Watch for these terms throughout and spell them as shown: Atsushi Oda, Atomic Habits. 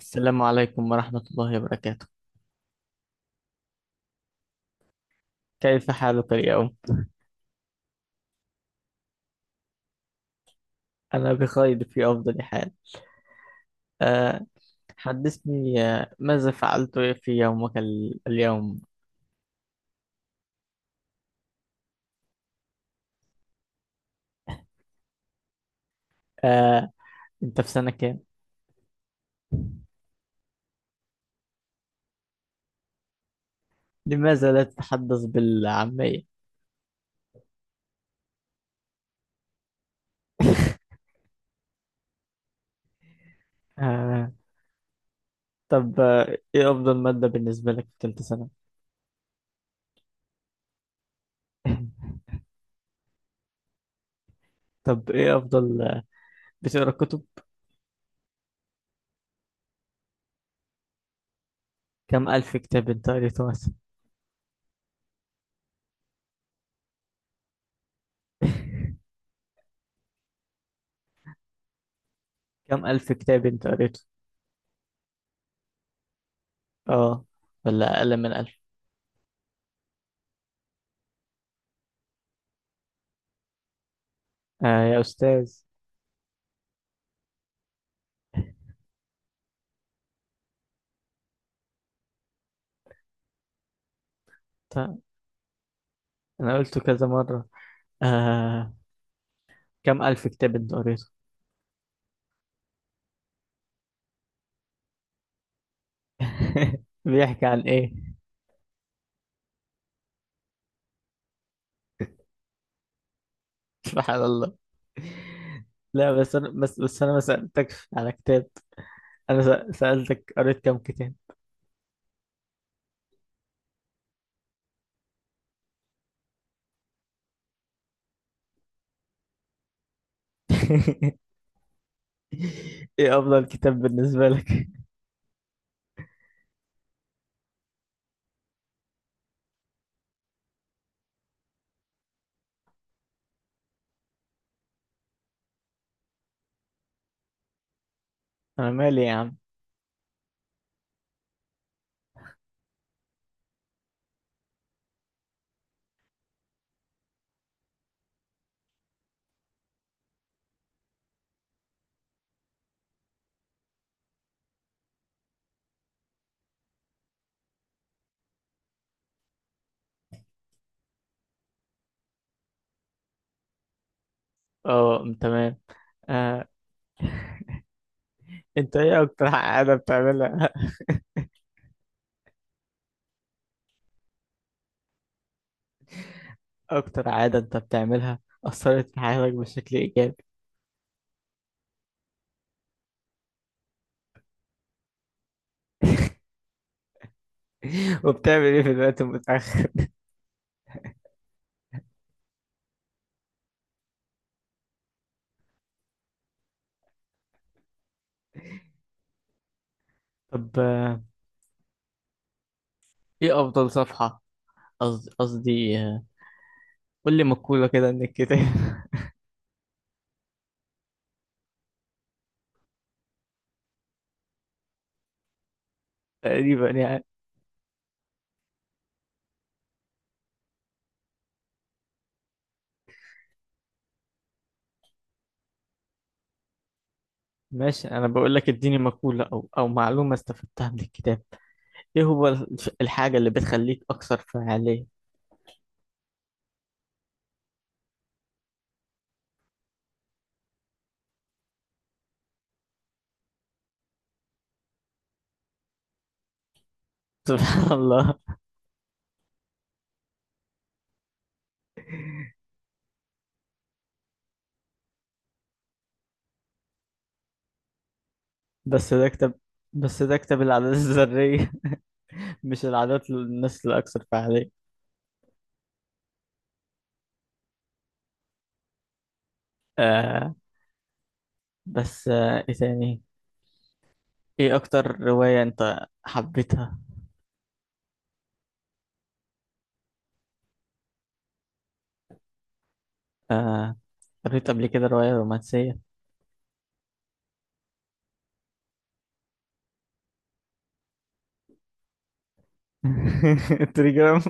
السلام عليكم ورحمة الله وبركاته. كيف حالك اليوم؟ أنا بخير في أفضل حال. أه حدثني، ماذا فعلت في يومك اليوم؟ أه. أنت في سنة كام؟ لماذا لا تتحدث بالعامية؟ أه. طب، إيه أفضل مادة بالنسبة لك في تالتة سنة؟ طب إيه أفضل آه، بتقرأ كتب؟ كم ألف كتاب أنت قريته مثلا؟ كم ألف كتاب أنت قريته؟ آه. ولا أقل من ألف؟ آه يا أستاذ. طيب. انا قلته كذا مرة. آه. كم الف كتاب انت قريته؟ بيحكي عن ايه؟ سبحان الله. لا بس انا بس انا ما سألتكش على كتاب. انا سألتك قريت كم كتاب؟ ايه افضل كتاب بالنسبة لك؟ انا مالي يا عم. اه، تمام. آه انت ايه اكتر عادة بتعملها؟ اكتر عادة انت بتعملها اثرت في حياتك بشكل ايجابي؟ وبتعمل ايه في الوقت المتأخر؟ طب، ايه افضل صفحة؟ قصدي، قول لي مقولة كده من الكتاب. تقريبا يعني. ماشي، أنا بقول لك اديني مقولة أو معلومة استفدتها من الكتاب. إيه هو الحاجة اللي بتخليك أكثر فعالية؟ سبحان الله. بس ده كتاب. بس ده كتاب العادات الذرية، مش العادات للناس الأكثر فعالية. آه. بس إيه تاني؟ إيه أكتر رواية أنت حبيتها؟ آه. قريت قبل كده رواية رومانسية؟ تريجر.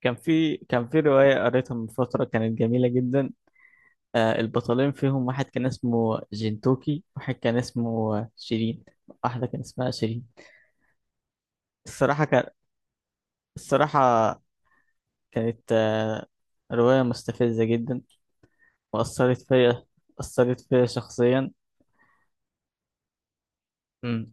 كان في رواية قريتها من فترة كانت جميلة جدا. آه، البطلين فيهم واحد كان اسمه جنتوكي، واحد كان اسمه شيرين. واحدة كان اسمها شيرين. الصراحة كان. الصراحة كانت آه رواية مستفزة جدا وأثرت فيا. أثرت فيا شخصيا. مم.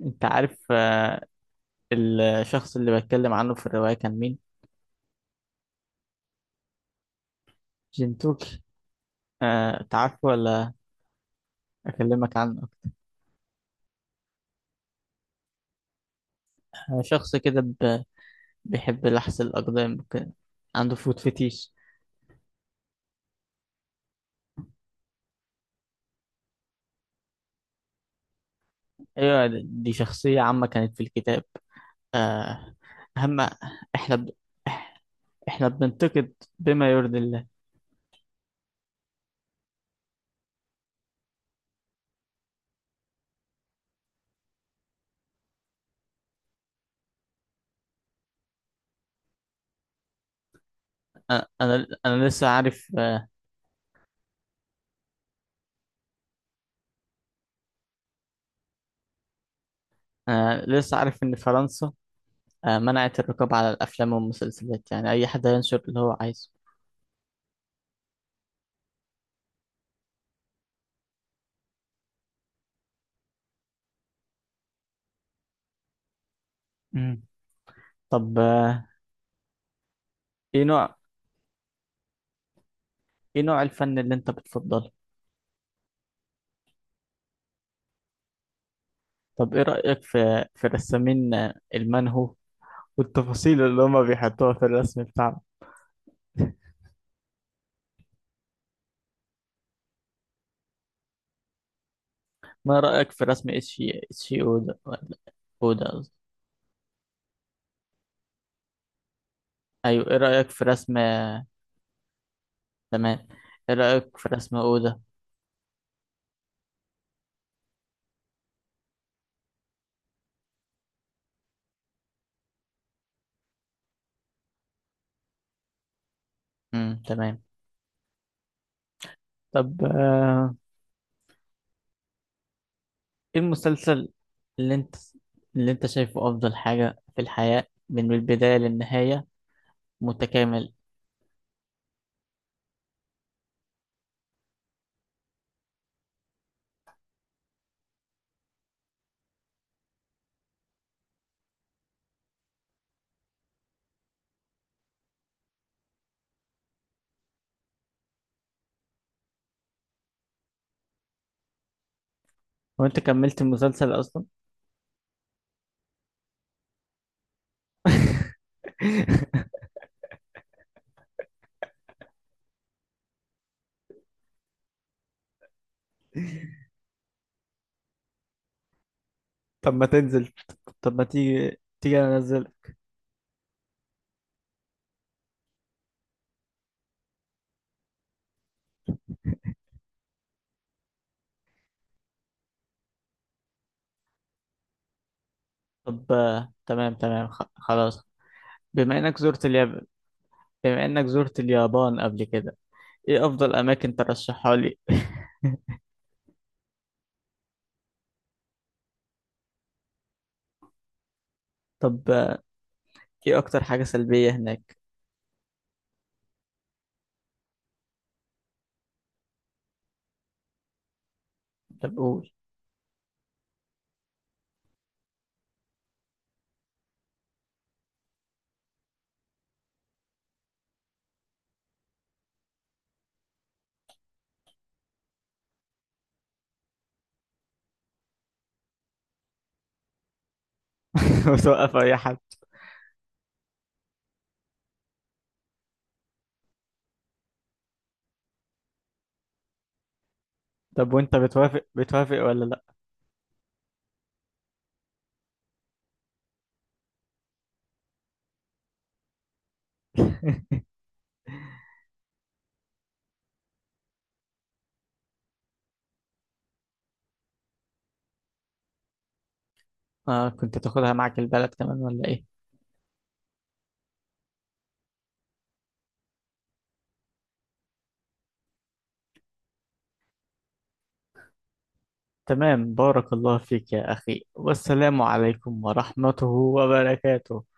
أنت عارف الشخص اللي بتكلم عنه في الرواية كان مين؟ جنتوكي. آه، تعرفه ولا أكلمك عنه؟ أكتر؟ شخص كده بيحب لحس الأقدام وكده. عنده فوت فتيش. أيوة، دي شخصية عامة كانت في الكتاب. آه، أهم. إحنا ب... إح- إحنا بننتقد بما يرضي الله. أنا لسه عارف أنا لسه عارف إن فرنسا، منعت الرقابة على الأفلام والمسلسلات، يعني أي حد ينشر اللي هو عايزه. مم. طب، إيه نوع إيه نوع الفن اللي أنت بتفضله؟ طب إيه رأيك في رسامين، المانهو والتفاصيل اللي هما بيحطوها في الرسم بتاعهم؟ ما رأيك في رسم اتشي اودا، ولا اودا قصدي. ايوه، ايه رأيك في رسم؟ تمام. ايه رأيك في رسم اودا؟ امم، تمام. طب، ايه المسلسل اللي انت اللي انت شايفه افضل حاجة في الحياة من البداية للنهاية، متكامل؟ وانت كملت المسلسل اصلا؟ طب ما تنزل. طب ما تيجي تيجي انزل. طب، تمام تمام. خلاص. بما انك زرت اليابان بما انك زرت اليابان قبل كده، ايه افضل اماكن ترشحها لي؟ طب، ايه اكتر حاجة سلبية هناك؟ طب قول. وتوقف اي حد؟ طب وانت بتوافق ولا لا؟ آه، كنت تاخدها معك البلد كمان ولا ايه؟ تمام، بارك الله فيك يا اخي، والسلام عليكم ورحمته وبركاته.